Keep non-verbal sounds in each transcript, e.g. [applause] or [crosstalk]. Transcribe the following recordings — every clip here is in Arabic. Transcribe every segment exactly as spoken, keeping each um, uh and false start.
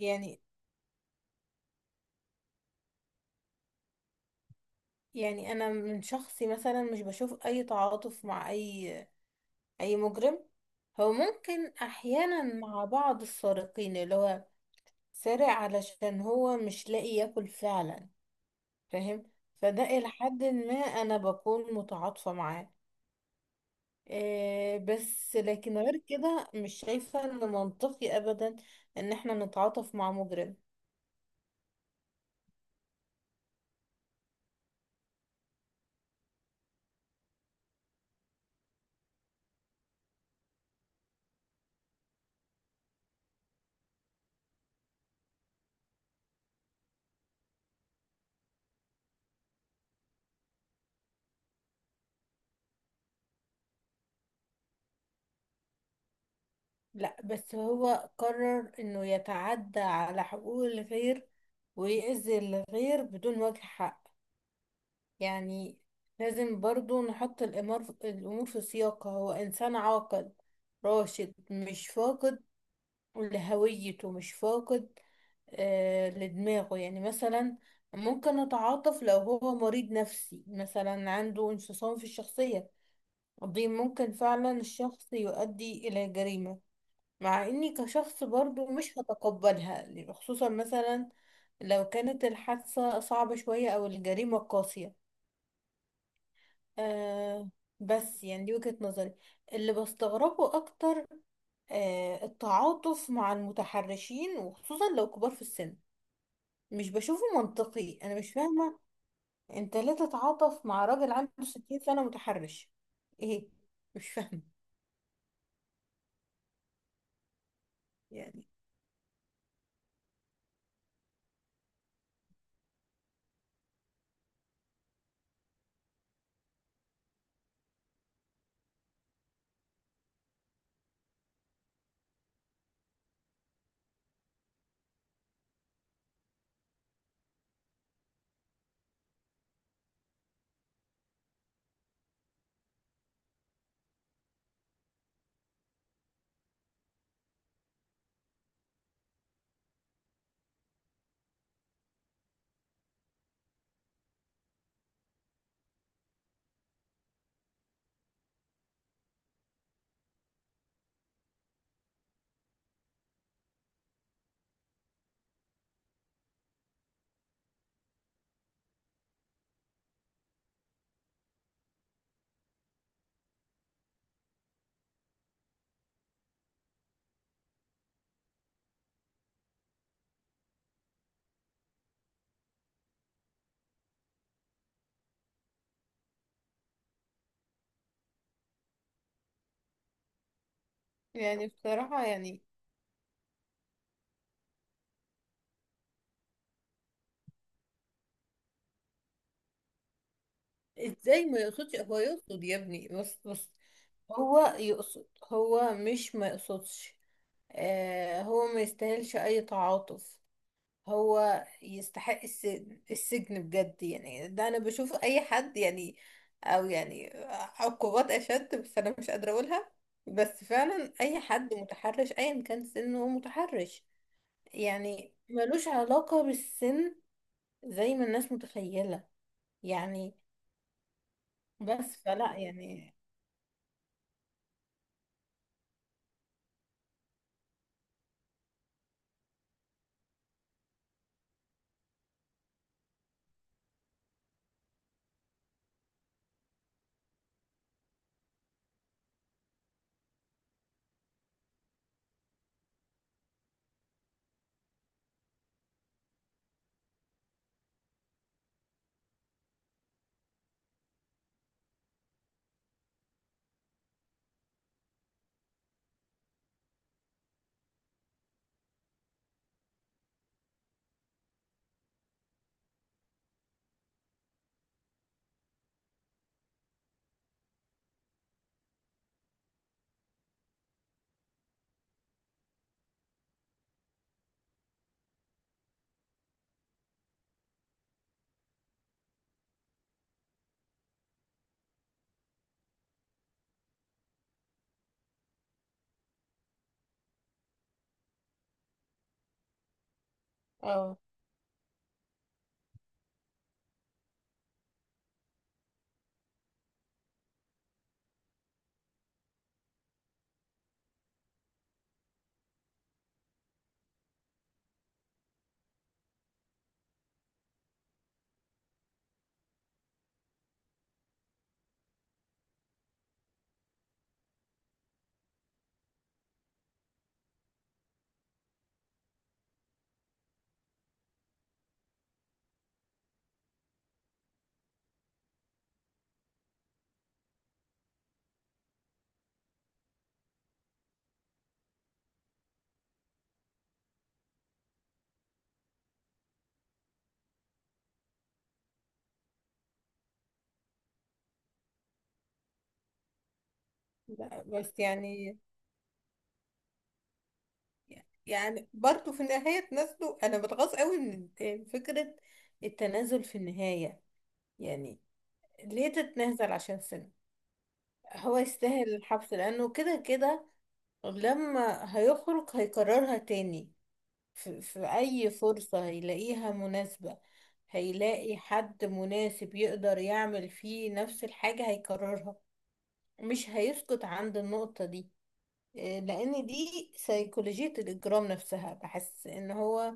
يعني يعني انا من شخصي مثلا مش بشوف اي تعاطف مع اي اي مجرم. هو ممكن احيانا مع بعض السارقين اللي هو سارق علشان هو مش لاقي ياكل فعلا، فاهم؟ فده الى حد ما انا بكون متعاطفة معاه. إيه بس لكن غير كده مش شايفة ان منطقي ابدا ان احنا نتعاطف مع مجرم. لا، بس هو قرر انه يتعدى على حقوق الغير ويأذي الغير بدون وجه حق. يعني لازم برضو نحط الأمور الأمور في سياقها، هو إنسان عاقل راشد، مش فاقد لهويته، مش فاقد آه لدماغه. يعني مثلا ممكن أتعاطف لو هو مريض نفسي، مثلا عنده انفصام في الشخصية. دي ممكن فعلا الشخص يؤدي إلى جريمة، مع اني كشخص برضو مش هتقبلها، يعني خصوصا مثلا لو كانت الحادثة صعبة شوية او الجريمة قاسية. آه، بس يعني دي وجهة نظري. اللي بستغربه اكتر آه التعاطف مع المتحرشين، وخصوصا لو كبار في السن. مش بشوفه منطقي، انا مش فاهمة. انت ليه تتعاطف مع راجل عنده ستين سنة متحرش؟ ايه، مش فاهمة. يعني، يعني بصراحة، يعني ازاي ما يقصدش؟ هو يقصد يا ابني، بس بس هو يقصد، هو مش ما يقصدش. آه، هو ما يستاهلش اي تعاطف. هو يستحق السجن، السجن بجد يعني. ده انا بشوف اي حد يعني او يعني عقوبات اشد، بس انا مش قادرة اقولها. بس فعلا اي حد متحرش ايا كان سنه هو متحرش. يعني ملوش علاقة بالسن زي ما الناس متخيلة. يعني بس فلا يعني. اه. لا بس يعني، يعني برضو في النهاية تنازلوا. أنا بتغاظ قوي من الت- فكرة التنازل في النهاية. يعني ليه تتنازل عشان سنة؟ هو يستاهل الحبس لأنه كده كده لما هيخرج هيكررها تاني في, في أي فرصة هيلاقيها مناسبة. هيلاقي حد مناسب يقدر يعمل فيه نفس الحاجة هيكررها، مش هيسكت عند النقطة دي. إيه، لأن دي سيكولوجية الإجرام نفسها. بحس إن هو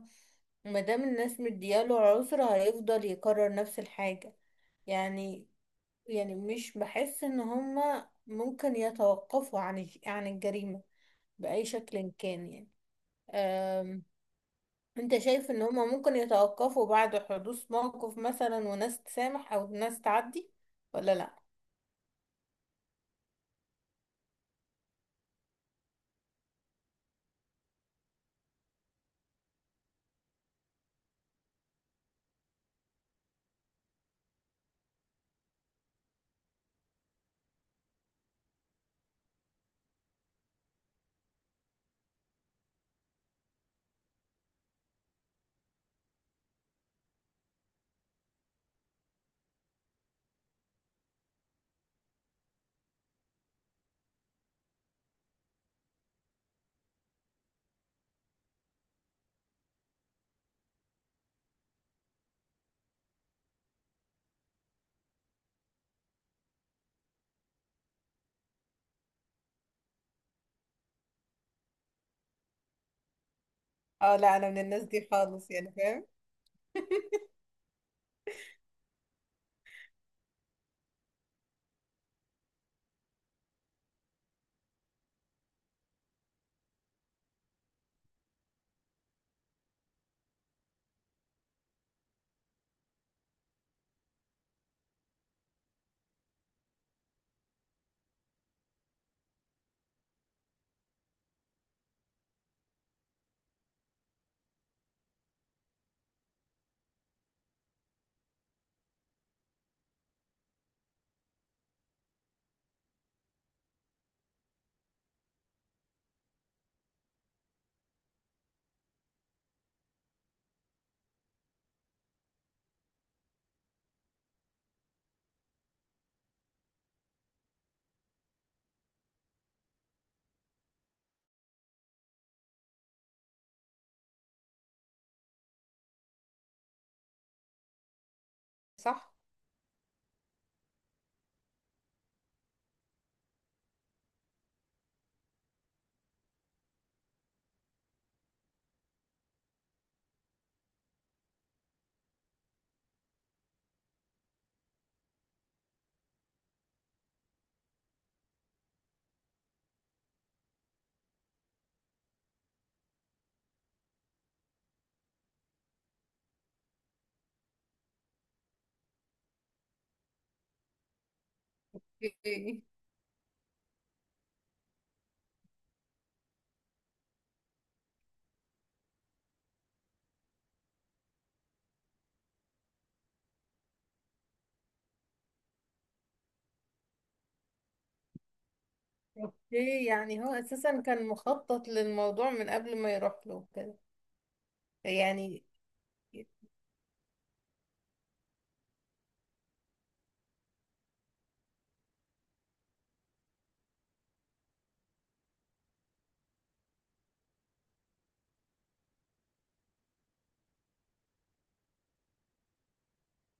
ما دام الناس مدياله عذر هيفضل يكرر نفس الحاجة. يعني، يعني مش بحس ان هما ممكن يتوقفوا عن الج- عن الجريمة بأي شكل كان. يعني أم... انت شايف ان هما ممكن يتوقفوا بعد حدوث موقف مثلا وناس تسامح او ناس تعدي، ولا لا؟ اه. لا انا من الناس دي خالص، يعني فاهم؟ [laughs] صح. اوكي. اوكي، يعني هو اساسا كان مخطط للموضوع من قبل ما يروح له كده. يعني،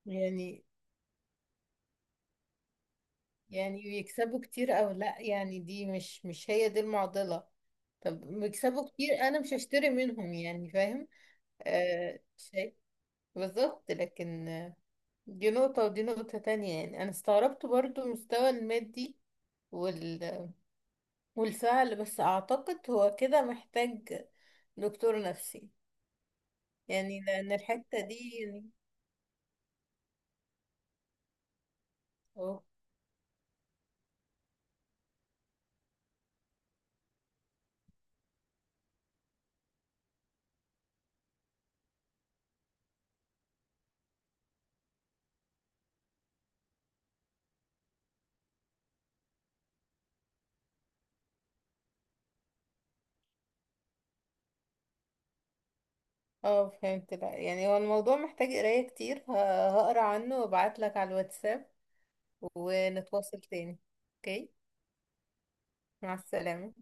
يعني يعني بيكسبوا كتير او لا، يعني دي مش مش هي دي المعضلة. طب بيكسبوا كتير انا مش هشتري منهم، يعني فاهم؟ آه شيء. بالظبط، لكن آه، دي نقطة ودي نقطة تانية. يعني انا استغربت برضو المستوى المادي وال... والفعل، بس اعتقد هو كده محتاج دكتور نفسي. يعني لان الحتة دي يعني. اه. آه، فهمت بقى. يعني هو الموضوع محتاج قراية كتير، ه- هقرا عنه وابعتلك على الواتساب ونتواصل تاني. اوكي. مع السلامة.